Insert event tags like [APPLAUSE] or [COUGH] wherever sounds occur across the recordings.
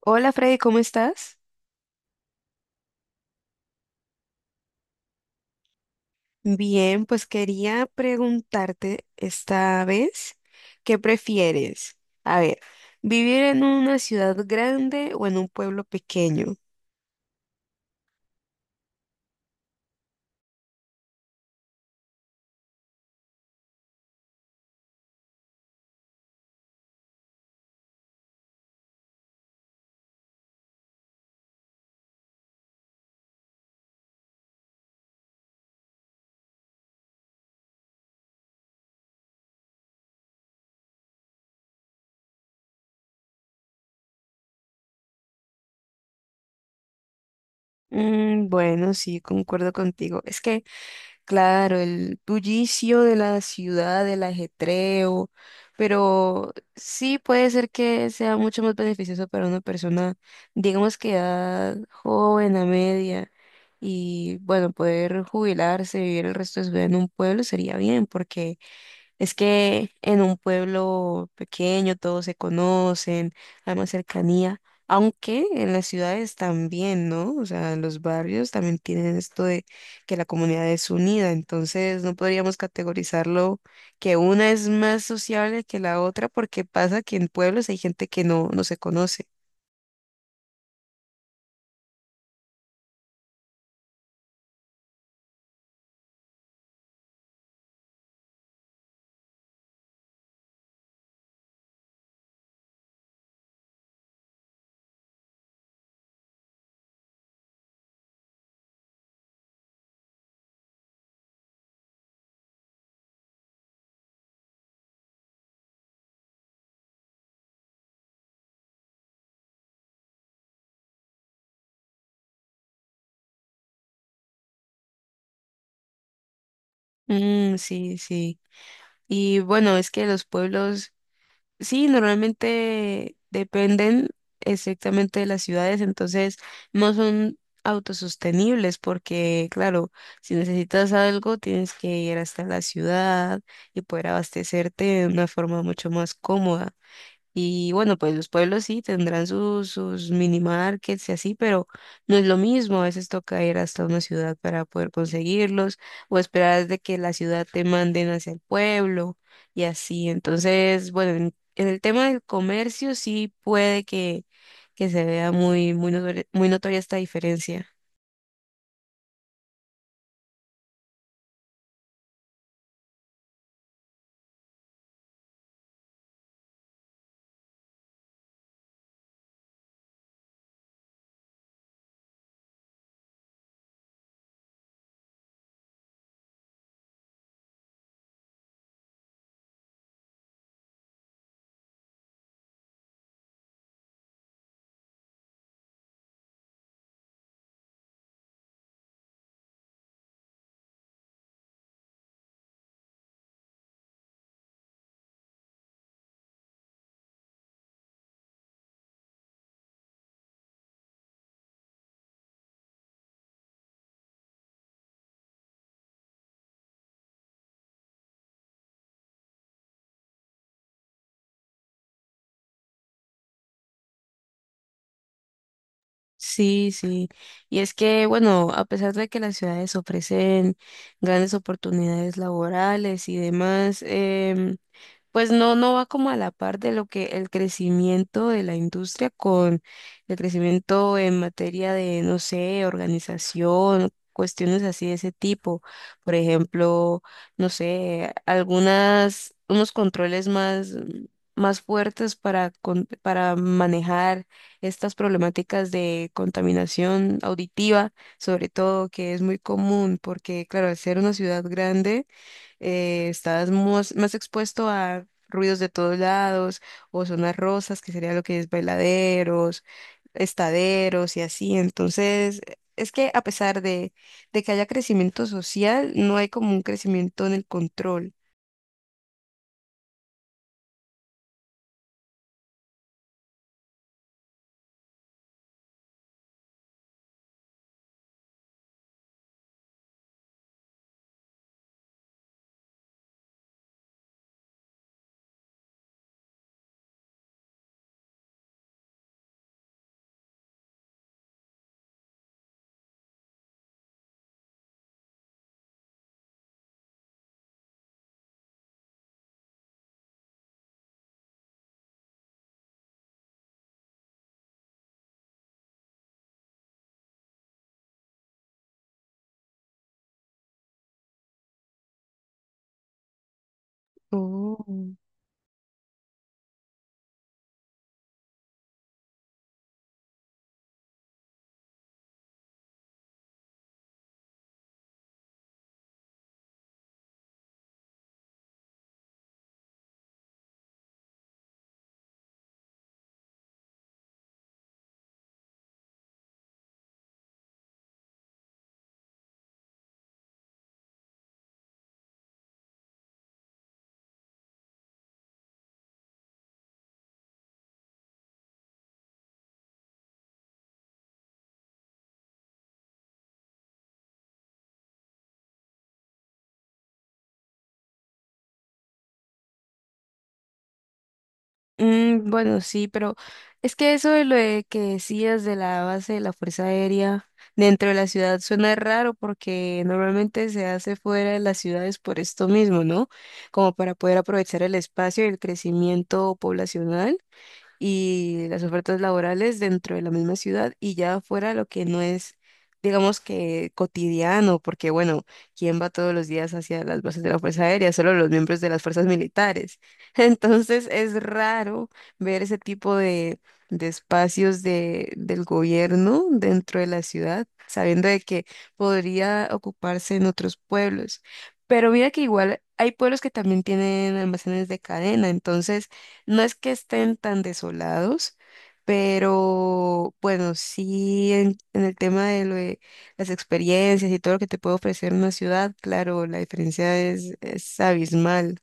Hola Freddy, ¿cómo estás? Bien, pues quería preguntarte esta vez, ¿qué prefieres? A ver, ¿vivir en una ciudad grande o en un pueblo pequeño? Mm, bueno, sí, concuerdo contigo. Es que, claro, el bullicio de la ciudad, el ajetreo, pero sí puede ser que sea mucho más beneficioso para una persona, digamos que edad joven, a media, y bueno, poder jubilarse, vivir el resto de su vida en un pueblo sería bien, porque es que en un pueblo pequeño todos se conocen, hay más cercanía, aunque en las ciudades también, ¿no? O sea, los barrios también tienen esto de que la comunidad es unida, entonces no podríamos categorizarlo que una es más sociable que la otra porque pasa que en pueblos hay gente que no se conoce. Mm, sí, sí. Y bueno, es que los pueblos sí, normalmente dependen estrictamente de las ciudades, entonces no son autosostenibles porque, claro, si necesitas algo tienes que ir hasta la ciudad y poder abastecerte de una forma mucho más cómoda. Y bueno, pues los pueblos sí tendrán sus mini markets y así, pero no es lo mismo. A veces toca ir hasta una ciudad para poder conseguirlos o esperar de que la ciudad te manden hacia el pueblo y así. Entonces, bueno, en el tema del comercio sí puede que se vea muy, muy muy notoria esta diferencia. Sí, sí. Y es que, bueno, a pesar de que las ciudades ofrecen grandes oportunidades laborales y demás, pues no va como a la par de lo que el crecimiento de la industria con el crecimiento en materia de, no sé, organización, cuestiones así de ese tipo. Por ejemplo, no sé, algunas, unos controles más fuertes para, para manejar estas problemáticas de contaminación auditiva, sobre todo, que es muy común, porque claro, al ser una ciudad grande, estás más expuesto a ruidos de todos lados, o zonas rosas, que sería lo que es bailaderos, estaderos y así. Entonces, es que a pesar de que haya crecimiento social, no hay como un crecimiento en el control. Oh. Mm, bueno, sí, pero es que eso de lo de que decías de la base de la Fuerza Aérea dentro de la ciudad suena raro porque normalmente se hace fuera de las ciudades por esto mismo, ¿no? Como para poder aprovechar el espacio y el crecimiento poblacional y las ofertas laborales dentro de la misma ciudad y ya fuera lo que no es, digamos que cotidiano, porque bueno, ¿quién va todos los días hacia las bases de la Fuerza Aérea? Solo los miembros de las fuerzas militares. [LAUGHS] Entonces es raro ver ese tipo de espacios de, del gobierno dentro de la ciudad, sabiendo de que podría ocuparse en otros pueblos. Pero mira que igual hay pueblos que también tienen almacenes de cadena, entonces no es que estén tan desolados, pero bueno, sí en el tema de, lo de las experiencias y todo lo que te puede ofrecer una ciudad, claro, la diferencia es abismal.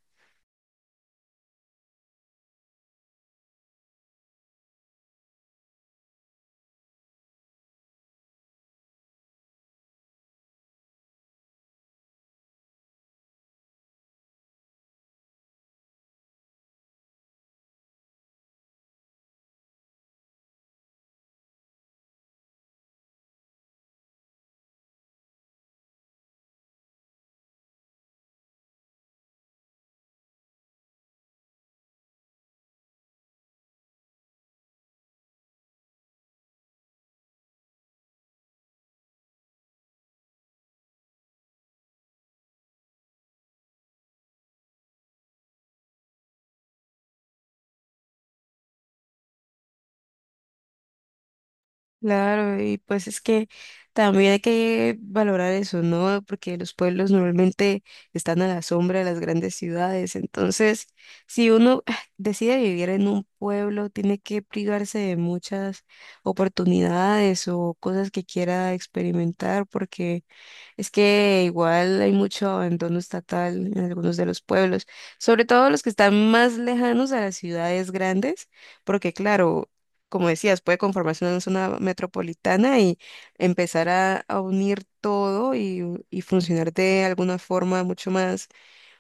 Claro, y pues es que también hay que valorar eso, ¿no? Porque los pueblos normalmente están a la sombra de las grandes ciudades. Entonces, si uno decide vivir en un pueblo, tiene que privarse de muchas oportunidades o cosas que quiera experimentar, porque es que igual hay mucho abandono estatal en algunos de los pueblos, sobre todo los que están más lejanos a las ciudades grandes, porque claro, como decías, puede conformarse una zona metropolitana y empezar a unir todo y funcionar de alguna forma mucho más,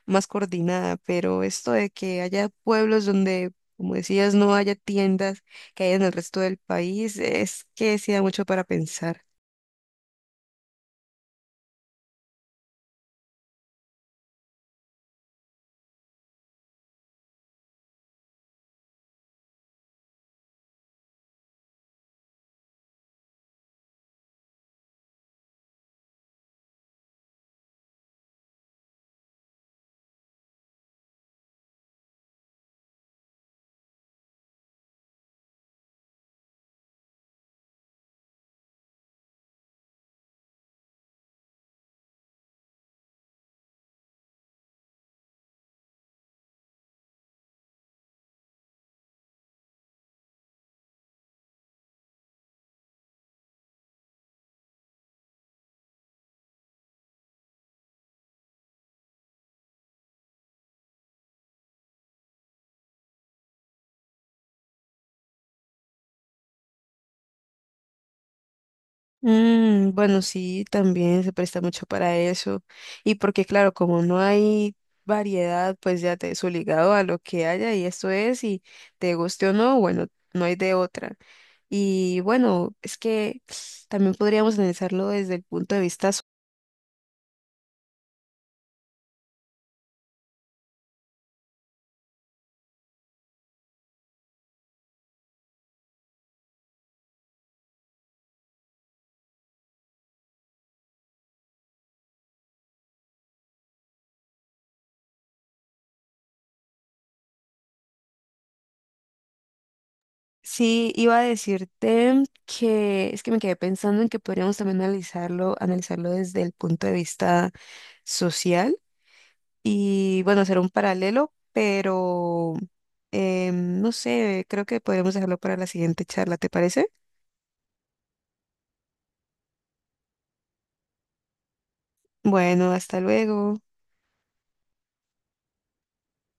más coordinada, pero esto de que haya pueblos donde, como decías, no haya tiendas que hay en el resto del país, es que sí da mucho para pensar. Mm, bueno, sí, también se presta mucho para eso. Y porque, claro, como no hay variedad, pues ya te es obligado a lo que haya y esto es, y te guste o no, bueno, no hay de otra. Y bueno, es que también podríamos analizarlo desde el punto de vista. Sí, iba a decirte que es que me quedé pensando en que podríamos también analizarlo desde el punto de vista social y bueno, hacer un paralelo, pero no sé, creo que podríamos dejarlo para la siguiente charla, ¿te parece? Bueno, hasta luego.